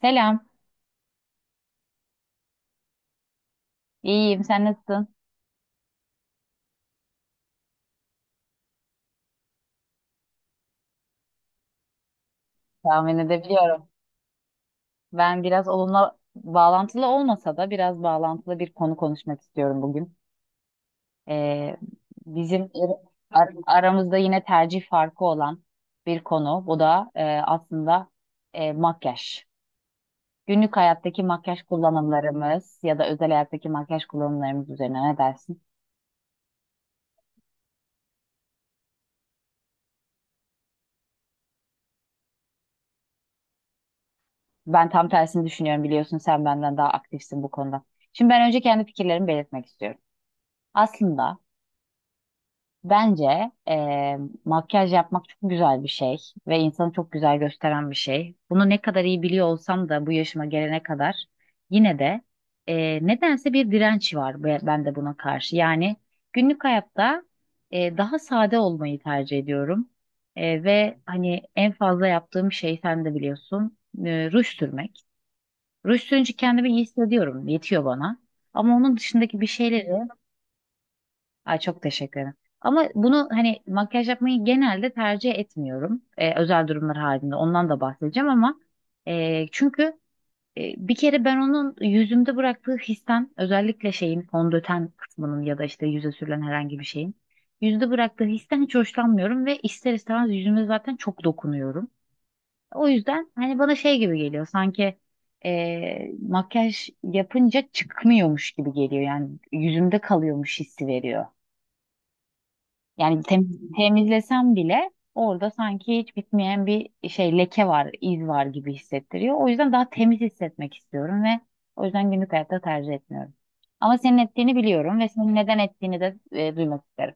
Selam. İyiyim. Sen nasılsın? Tahmin edebiliyorum. Ben biraz onunla bağlantılı olmasa da biraz bağlantılı bir konu konuşmak istiyorum bugün. Ee, Bizim aramızda yine tercih farkı olan bir konu. Bu da aslında makyaj. Günlük hayattaki makyaj kullanımlarımız ya da özel hayattaki makyaj kullanımlarımız üzerine ne dersin? Ben tam tersini düşünüyorum biliyorsun. Sen benden daha aktifsin bu konuda. Şimdi ben önce kendi fikirlerimi belirtmek istiyorum. Aslında. Bence makyaj yapmak çok güzel bir şey ve insanı çok güzel gösteren bir şey. Bunu ne kadar iyi biliyor olsam da bu yaşıma gelene kadar yine de nedense bir direnç var bende buna karşı. Yani günlük hayatta daha sade olmayı tercih ediyorum. Ve hani en fazla yaptığım şey sen de biliyorsun ruj sürmek. Ruj sürünce kendimi iyi hissediyorum, yetiyor bana. Ama onun dışındaki bir şeyleri. Ay çok teşekkür ederim. Ama bunu hani makyaj yapmayı genelde tercih etmiyorum. Özel durumlar halinde ondan da bahsedeceğim ama çünkü bir kere ben onun yüzümde bıraktığı histen özellikle şeyin fondöten kısmının ya da işte yüze sürülen herhangi bir şeyin yüzde bıraktığı histen hiç hoşlanmıyorum ve ister istemez yüzüme zaten çok dokunuyorum. O yüzden hani bana şey gibi geliyor sanki makyaj yapınca çıkmıyormuş gibi geliyor yani yüzümde kalıyormuş hissi veriyor. Yani temizlesem bile orada sanki hiç bitmeyen bir şey leke var, iz var gibi hissettiriyor. O yüzden daha temiz hissetmek istiyorum ve o yüzden günlük hayatta tercih etmiyorum. Ama senin ettiğini biliyorum ve senin neden ettiğini de duymak isterim.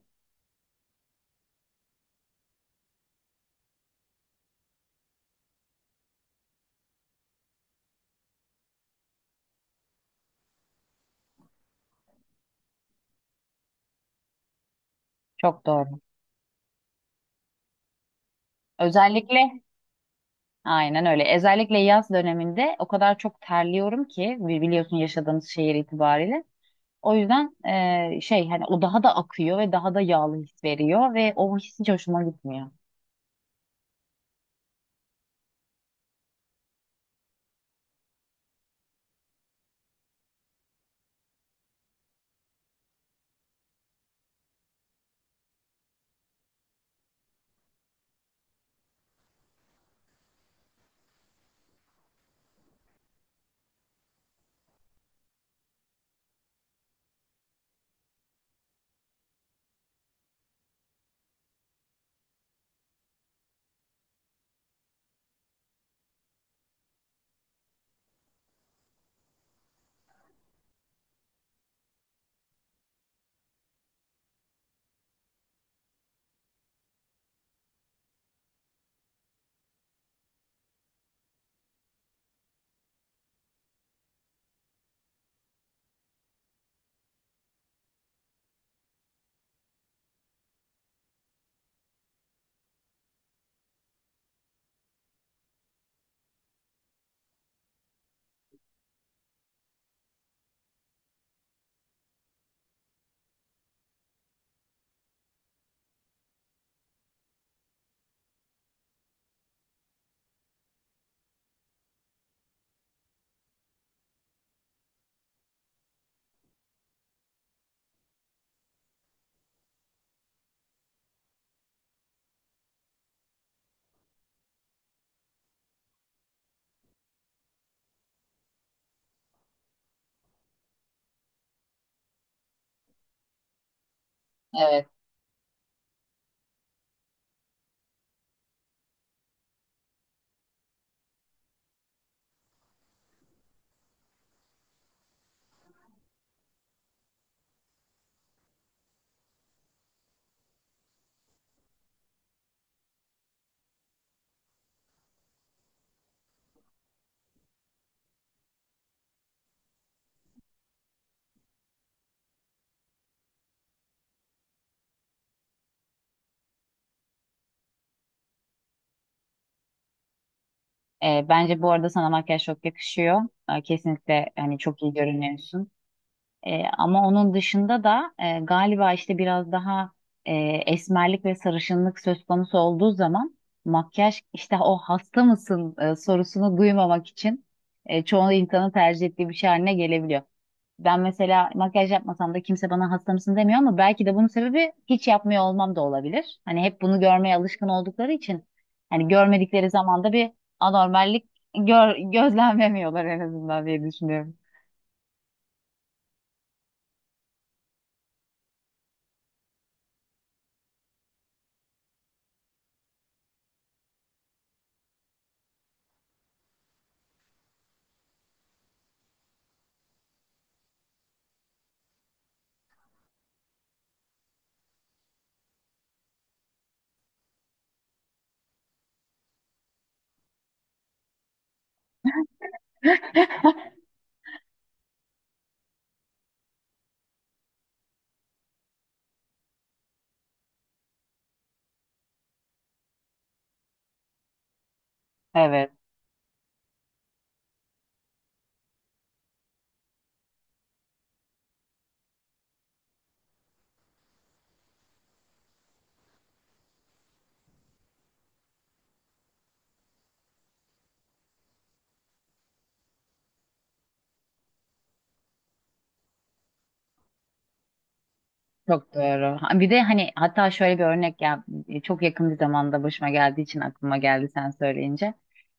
Çok doğru. Özellikle aynen öyle. Özellikle yaz döneminde o kadar çok terliyorum ki biliyorsun yaşadığımız şehir itibariyle. O yüzden şey hani o daha da akıyor ve daha da yağlı his veriyor ve o his hiç hoşuma gitmiyor. Bence bu arada sana makyaj çok yakışıyor. Kesinlikle hani çok iyi görünüyorsun. Ama onun dışında da galiba işte biraz daha e, esmerlik ve sarışınlık söz konusu olduğu zaman makyaj işte o hasta mısın sorusunu duymamak için çoğu insanın tercih ettiği bir şey haline gelebiliyor. Ben mesela makyaj yapmasam da kimse bana hasta mısın demiyor ama belki de bunun sebebi hiç yapmıyor olmam da olabilir. Hani hep bunu görmeye alışkın oldukları için hani görmedikleri zaman da bir anormallik gözlemlemiyorlar en azından diye düşünüyorum. Evet. Çok doğru. Ha, bir de hani hatta şöyle bir örnek ya, çok yakın bir zamanda başıma geldiği için aklıma geldi sen söyleyince.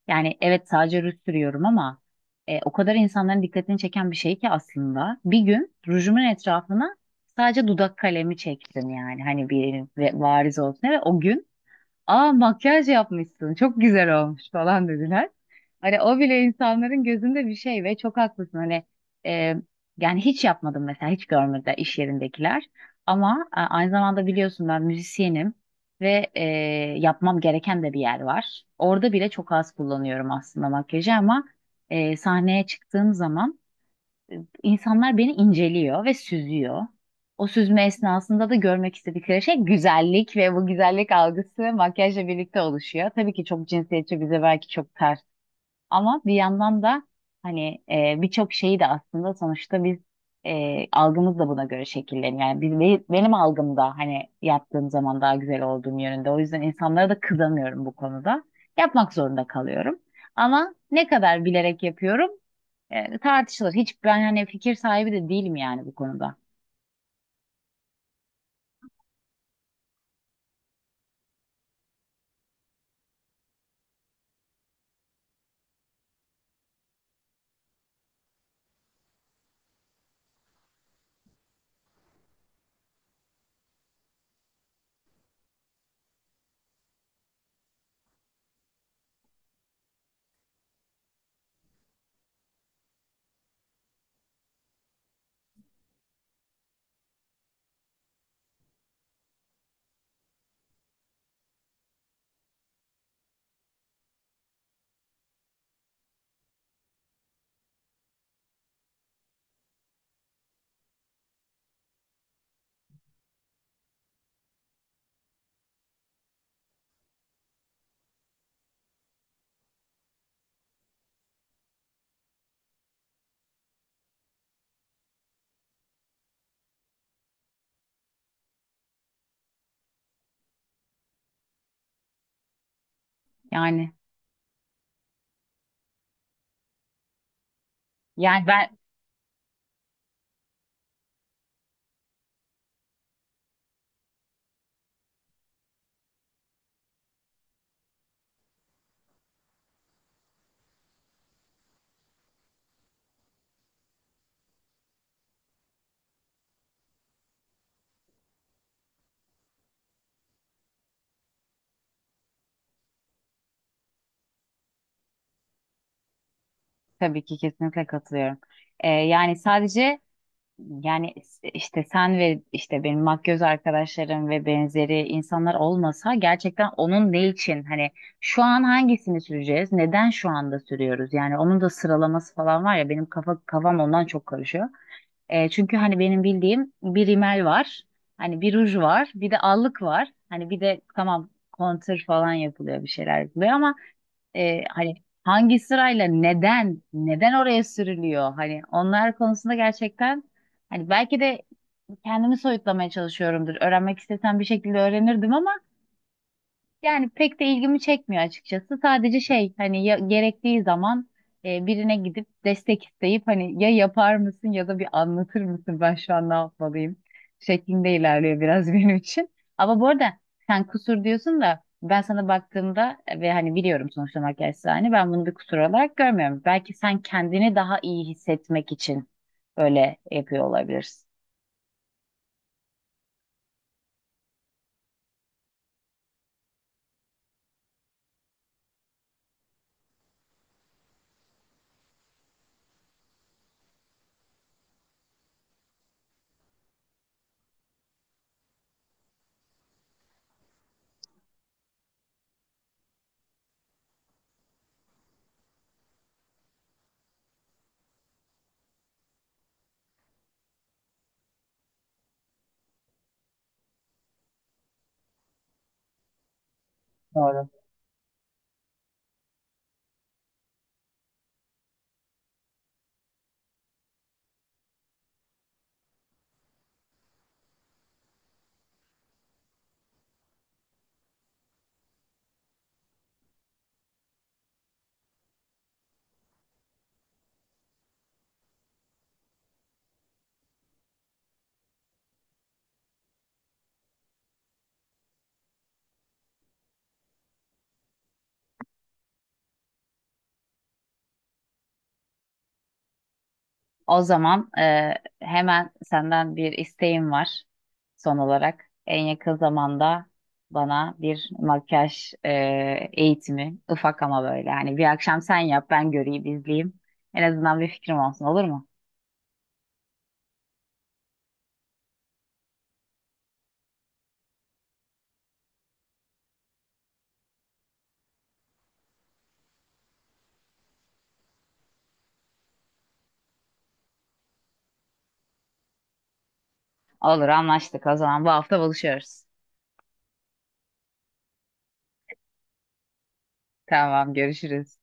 Yani evet sadece ruj sürüyorum ama o kadar insanların dikkatini çeken bir şey ki aslında. Bir gün rujumun etrafına sadece dudak kalemi çektim yani hani bir variz olsun ve o gün aa makyaj yapmışsın çok güzel olmuş falan dediler. Hani o bile insanların gözünde bir şey ve çok haklısın. Hani e, yani hiç yapmadım mesela hiç görmedi iş yerindekiler. Ama aynı zamanda biliyorsun ben müzisyenim ve yapmam gereken de bir yer var. Orada bile çok az kullanıyorum aslında makyajı ama sahneye çıktığım zaman İnsanlar beni inceliyor ve süzüyor. O süzme esnasında da görmek istedikleri şey güzellik ve bu güzellik algısı makyajla birlikte oluşuyor. Tabii ki çok cinsiyetçi, bize belki çok ters ama bir yandan da hani birçok şeyi de aslında sonuçta biz algımız da buna göre şekilleniyor. Yani benim algımda hani yaptığım zaman daha güzel olduğum yönünde. O yüzden insanlara da kızamıyorum bu konuda. Yapmak zorunda kalıyorum. Ama ne kadar bilerek yapıyorum tartışılır. Hiç ben hani fikir sahibi de değilim yani bu konuda. Yani ben tabii ki kesinlikle katılıyorum. Yani sadece yani işte sen ve işte benim makyöz arkadaşlarım ve benzeri insanlar olmasa gerçekten onun ne için hani şu an hangisini süreceğiz? Neden şu anda sürüyoruz? Yani onun da sıralaması falan var ya benim kafam ondan çok karışıyor. Çünkü hani benim bildiğim bir rimel var. Hani bir ruj var. Bir de allık var. Hani bir de tamam kontür falan yapılıyor bir şeyler yapılıyor ama hani hangi sırayla neden oraya sürülüyor? Hani onlar konusunda gerçekten hani belki de kendimi soyutlamaya çalışıyorumdur. Öğrenmek istesem bir şekilde öğrenirdim ama yani pek de ilgimi çekmiyor açıkçası. Sadece şey hani ya, gerektiği zaman birine gidip destek isteyip hani ya yapar mısın ya da bir anlatır mısın ben şu an ne yapmalıyım şeklinde ilerliyor biraz benim için. Ama bu arada sen kusur diyorsun da ben sana baktığımda ve hani biliyorum sonuçta makyajsa hani ben bunu bir kusur olarak görmüyorum. Belki sen kendini daha iyi hissetmek için böyle yapıyor olabilirsin. Doğru. O zaman hemen senden bir isteğim var son olarak. En yakın zamanda bana bir makyaj eğitimi, ufak ama böyle. Hani bir akşam sen yap ben göreyim izleyeyim. En azından bir fikrim olsun, olur mu? Olur, anlaştık. O zaman bu hafta buluşuyoruz. Tamam, görüşürüz.